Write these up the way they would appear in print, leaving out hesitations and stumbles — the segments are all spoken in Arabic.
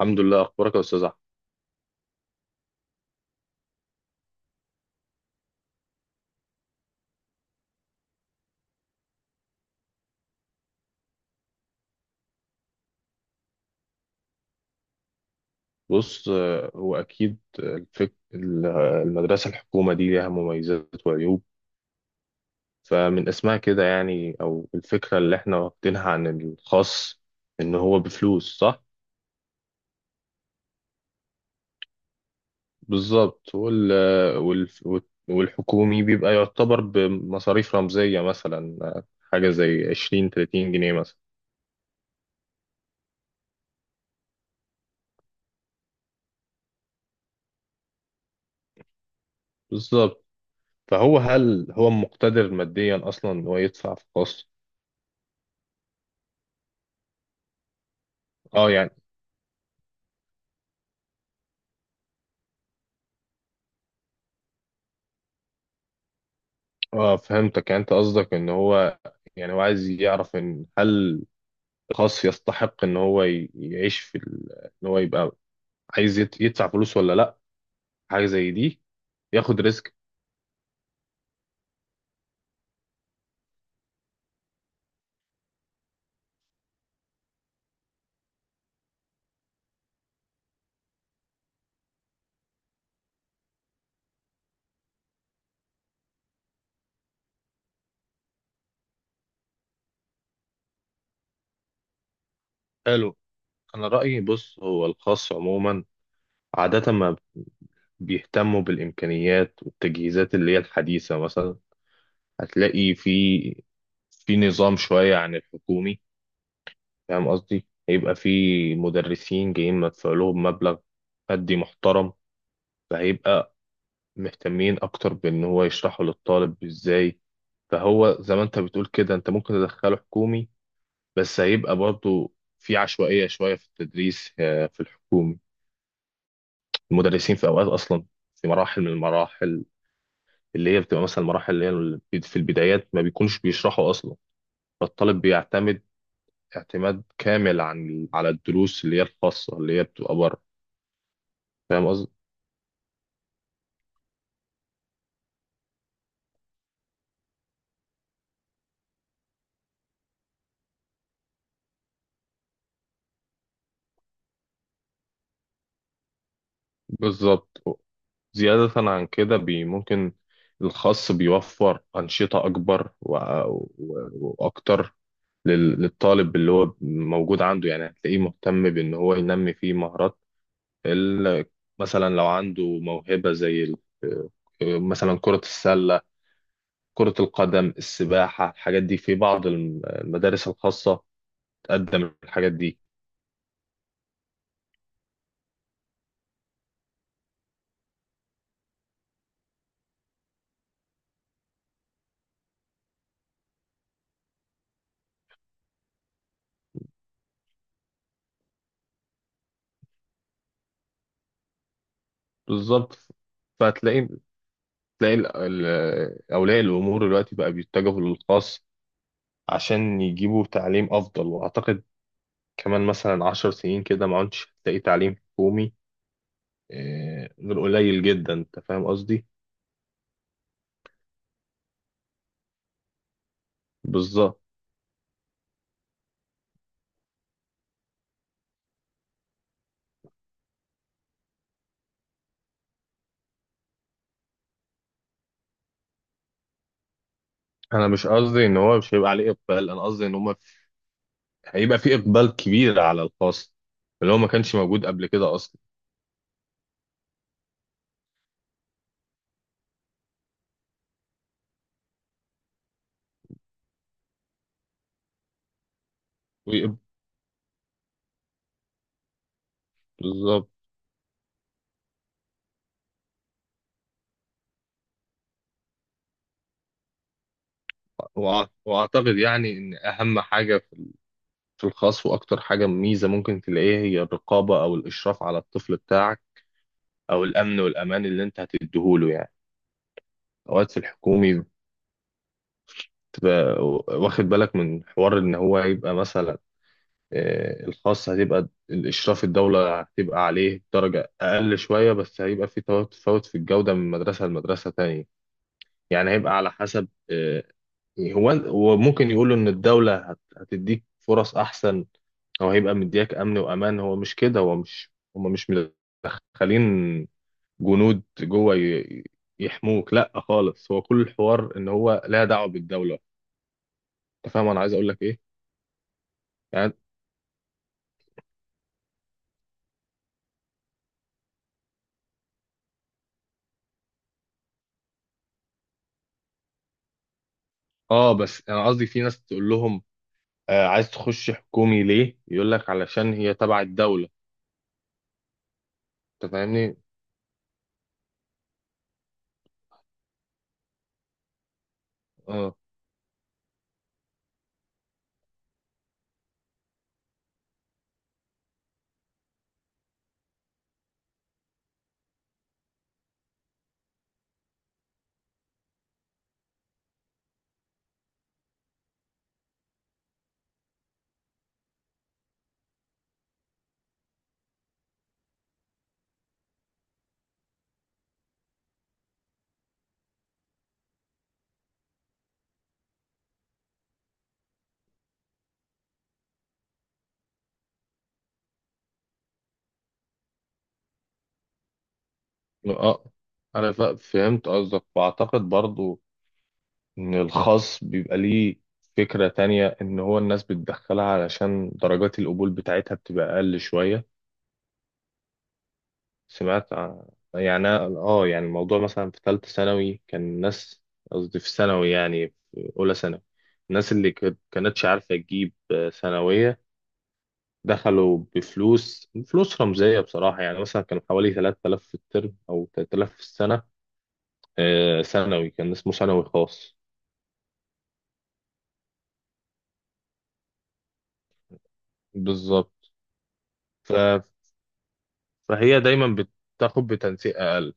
الحمد لله، اخبارك يا استاذ احمد. بص، هو اكيد المدرسه الحكومه دي ليها مميزات وعيوب. فمن اسمها كده يعني او الفكره اللي احنا واخدينها عن الخاص ان هو بفلوس، صح. بالظبط. وال... والحكومي بيبقى يعتبر بمصاريف رمزيه، مثلا حاجه زي 20 30 جنيه مثلا. بالظبط. فهو هل هو مقتدر ماديا اصلا ان هو يدفع في خاص؟ اه يعني. اه، فهمتك. يعني انت قصدك ان هو، يعني هو عايز يعرف ان هل الخاص يستحق ان هو يعيش في ان هو يبقى عايز يدفع فلوس ولا لا، حاجه زي دي. ياخد ريسك. حلو. انا رايي، بص، هو الخاص عموما عاده ما بيهتموا بالامكانيات والتجهيزات اللي هي الحديثه مثلا. هتلاقي في في نظام شويه عن الحكومي. فاهم قصدي؟ هيبقى في مدرسين جايين مدفوع لهم مبلغ مادي محترم، فهيبقى مهتمين اكتر بان هو يشرحه للطالب ازاي. فهو زي ما انت بتقول كده، انت ممكن تدخله حكومي بس هيبقى برضو في عشوائية شوية في التدريس، في الحكومي المدرسين في اوقات اصلا في مراحل من المراحل اللي هي بتبقى مثلا المراحل اللي هي في البدايات ما بيكونش بيشرحوا اصلا. فالطالب بيعتمد اعتماد كامل عن على الدروس اللي هي الخاصة اللي هي بتبقى بره. فاهم قصدي؟ بالظبط. زيادة عن كده، بي ممكن الخاص بيوفر أنشطة أكبر و... وأكتر للطالب اللي هو موجود عنده. يعني هتلاقيه مهتم بإن هو ينمي فيه مهارات ال... مثلا لو عنده موهبة زي مثلا كرة السلة، كرة القدم، السباحة، الحاجات دي في بعض المدارس الخاصة تقدم الحاجات دي. بالظبط. فهتلاقي تلاقي أولياء الأمور دلوقتي بقى بيتجهوا للخاص عشان يجيبوا تعليم أفضل. وأعتقد كمان مثلا 10 سنين كده ما عدتش هتلاقي تعليم حكومي، غير قليل جدا. أنت فاهم قصدي؟ بالظبط. أنا مش قصدي إن هو مش هيبقى عليه إقبال، أنا قصدي إن هما هيبقى في إقبال كبير على الخاص اللي هو ما كانش موجود قبل كده أصلا. ويق- بالظبط. وأعتقد يعني إن أهم حاجة في في الخاص وأكتر حاجة ميزة ممكن تلاقيها هي الرقابة أو الإشراف على الطفل بتاعك، أو الأمن والأمان اللي أنت هتديهوله يعني. اوقات في الحكومي تبقى واخد بالك من حوار ان هو يبقى مثلا، الخاص هتبقى الاشراف الدوله هتبقى عليه درجه اقل شويه، بس هيبقى في تفاوت في الجوده من مدرسه لمدرسه تانية. يعني هيبقى على حسب، هو ممكن يقولوا ان الدوله هتديك فرص احسن، او هيبقى مدياك امن وامان. هو مش كده، هو مش هم مش مدخلين جنود جوه يحموك، لا خالص. هو كل الحوار ان هو لا دعوه بالدوله. انت فاهم انا عايز اقول لك ايه يعني؟ اه، بس انا قصدي في ناس تقول لهم، آه، عايز تخش حكومي ليه، يقول لك علشان هي تبع الدولة. انت فاهمني؟ اه اه. انا فهمت قصدك واعتقد برضو ان الخاص بيبقى ليه فكرة تانية، ان هو الناس بتدخلها علشان درجات القبول بتاعتها بتبقى اقل شوية. سمعت عن. يعني أنا، اه، يعني الموضوع مثلا في ثالثة ثانوي كان الناس، قصدي في ثانوي، يعني في اولى ثانوي الناس اللي كانتش عارفة تجيب ثانوية دخلوا بفلوس، فلوس رمزية بصراحة. يعني مثلا كان حوالي 3000 في الترم أو 3000 في السنة. ثانوي كان اسمه ثانوي خاص. بالظبط. ف- فهي دايما بتاخد بتنسيق أقل.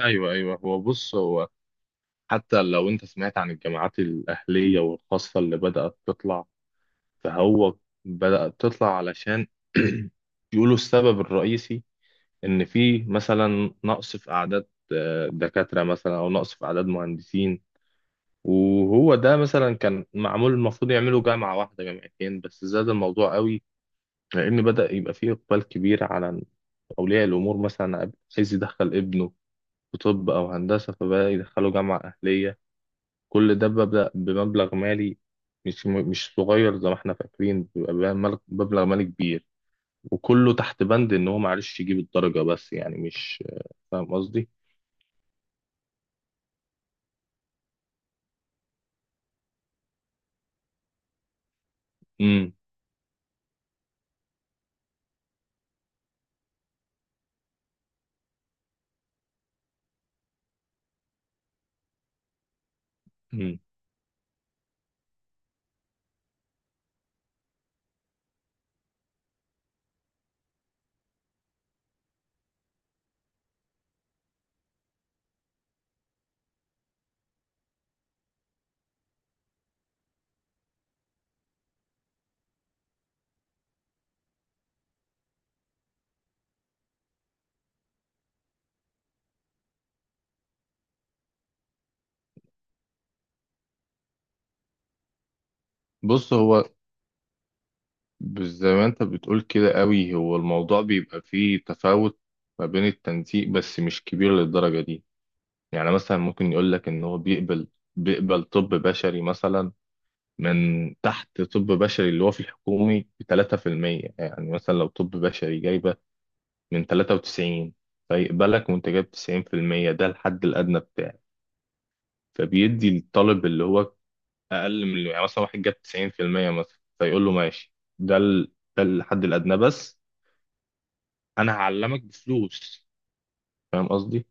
أيوه أيوه. هو بص، هو حتى لو أنت سمعت عن الجامعات الأهلية والخاصة اللي بدأت تطلع، فهو بدأت تطلع علشان يقولوا السبب الرئيسي إن في مثلا نقص في أعداد، دكاترة مثلا، أو نقص في أعداد مهندسين. وهو ده مثلا كان معمول المفروض يعملوا جامعة واحدة جامعتين، بس زاد الموضوع قوي لأن بدأ يبقى فيه إقبال كبير على أولياء الأمور. مثلا عايز يدخل ابنه في طب أو هندسة، فبدأ يدخله جامعة أهلية. كل ده ببدأ بمبلغ مالي مش صغير زي ما احنا فاكرين، بيبقى بمبلغ مالي كبير، وكله تحت بند إن هو معرفش يجيب الدرجة، بس يعني مش فاهم قصدي؟ امم. امم. بص هو، بس زي ما انت بتقول كده قوي، هو الموضوع بيبقى فيه تفاوت ما بين التنسيق بس مش كبير للدرجة دي. يعني مثلا ممكن يقول لك ان هو بيقبل طب بشري مثلا من تحت طب بشري اللي هو في الحكومي ب 3%. يعني مثلا لو طب بشري جايبة من 93 فيقبلك وانت جايب 90%، ده الحد الأدنى بتاعه. فبيدي الطالب اللي هو أقل من، يعني مثلا واحد جاب 90% مثلا، فيقول له ماشي، ده الحد الأدنى بس انا هعلمك بفلوس. فاهم قصدي؟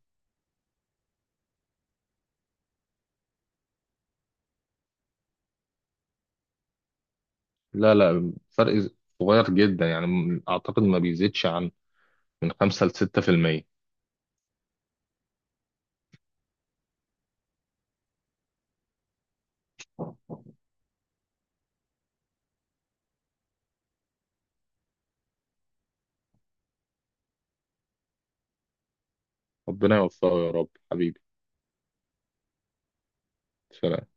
لا، لا، فرق صغير جدا. يعني اعتقد ما بيزيدش عن من 5 ل 6%. ربنا يوفقه يا رب حبيبي. سلام.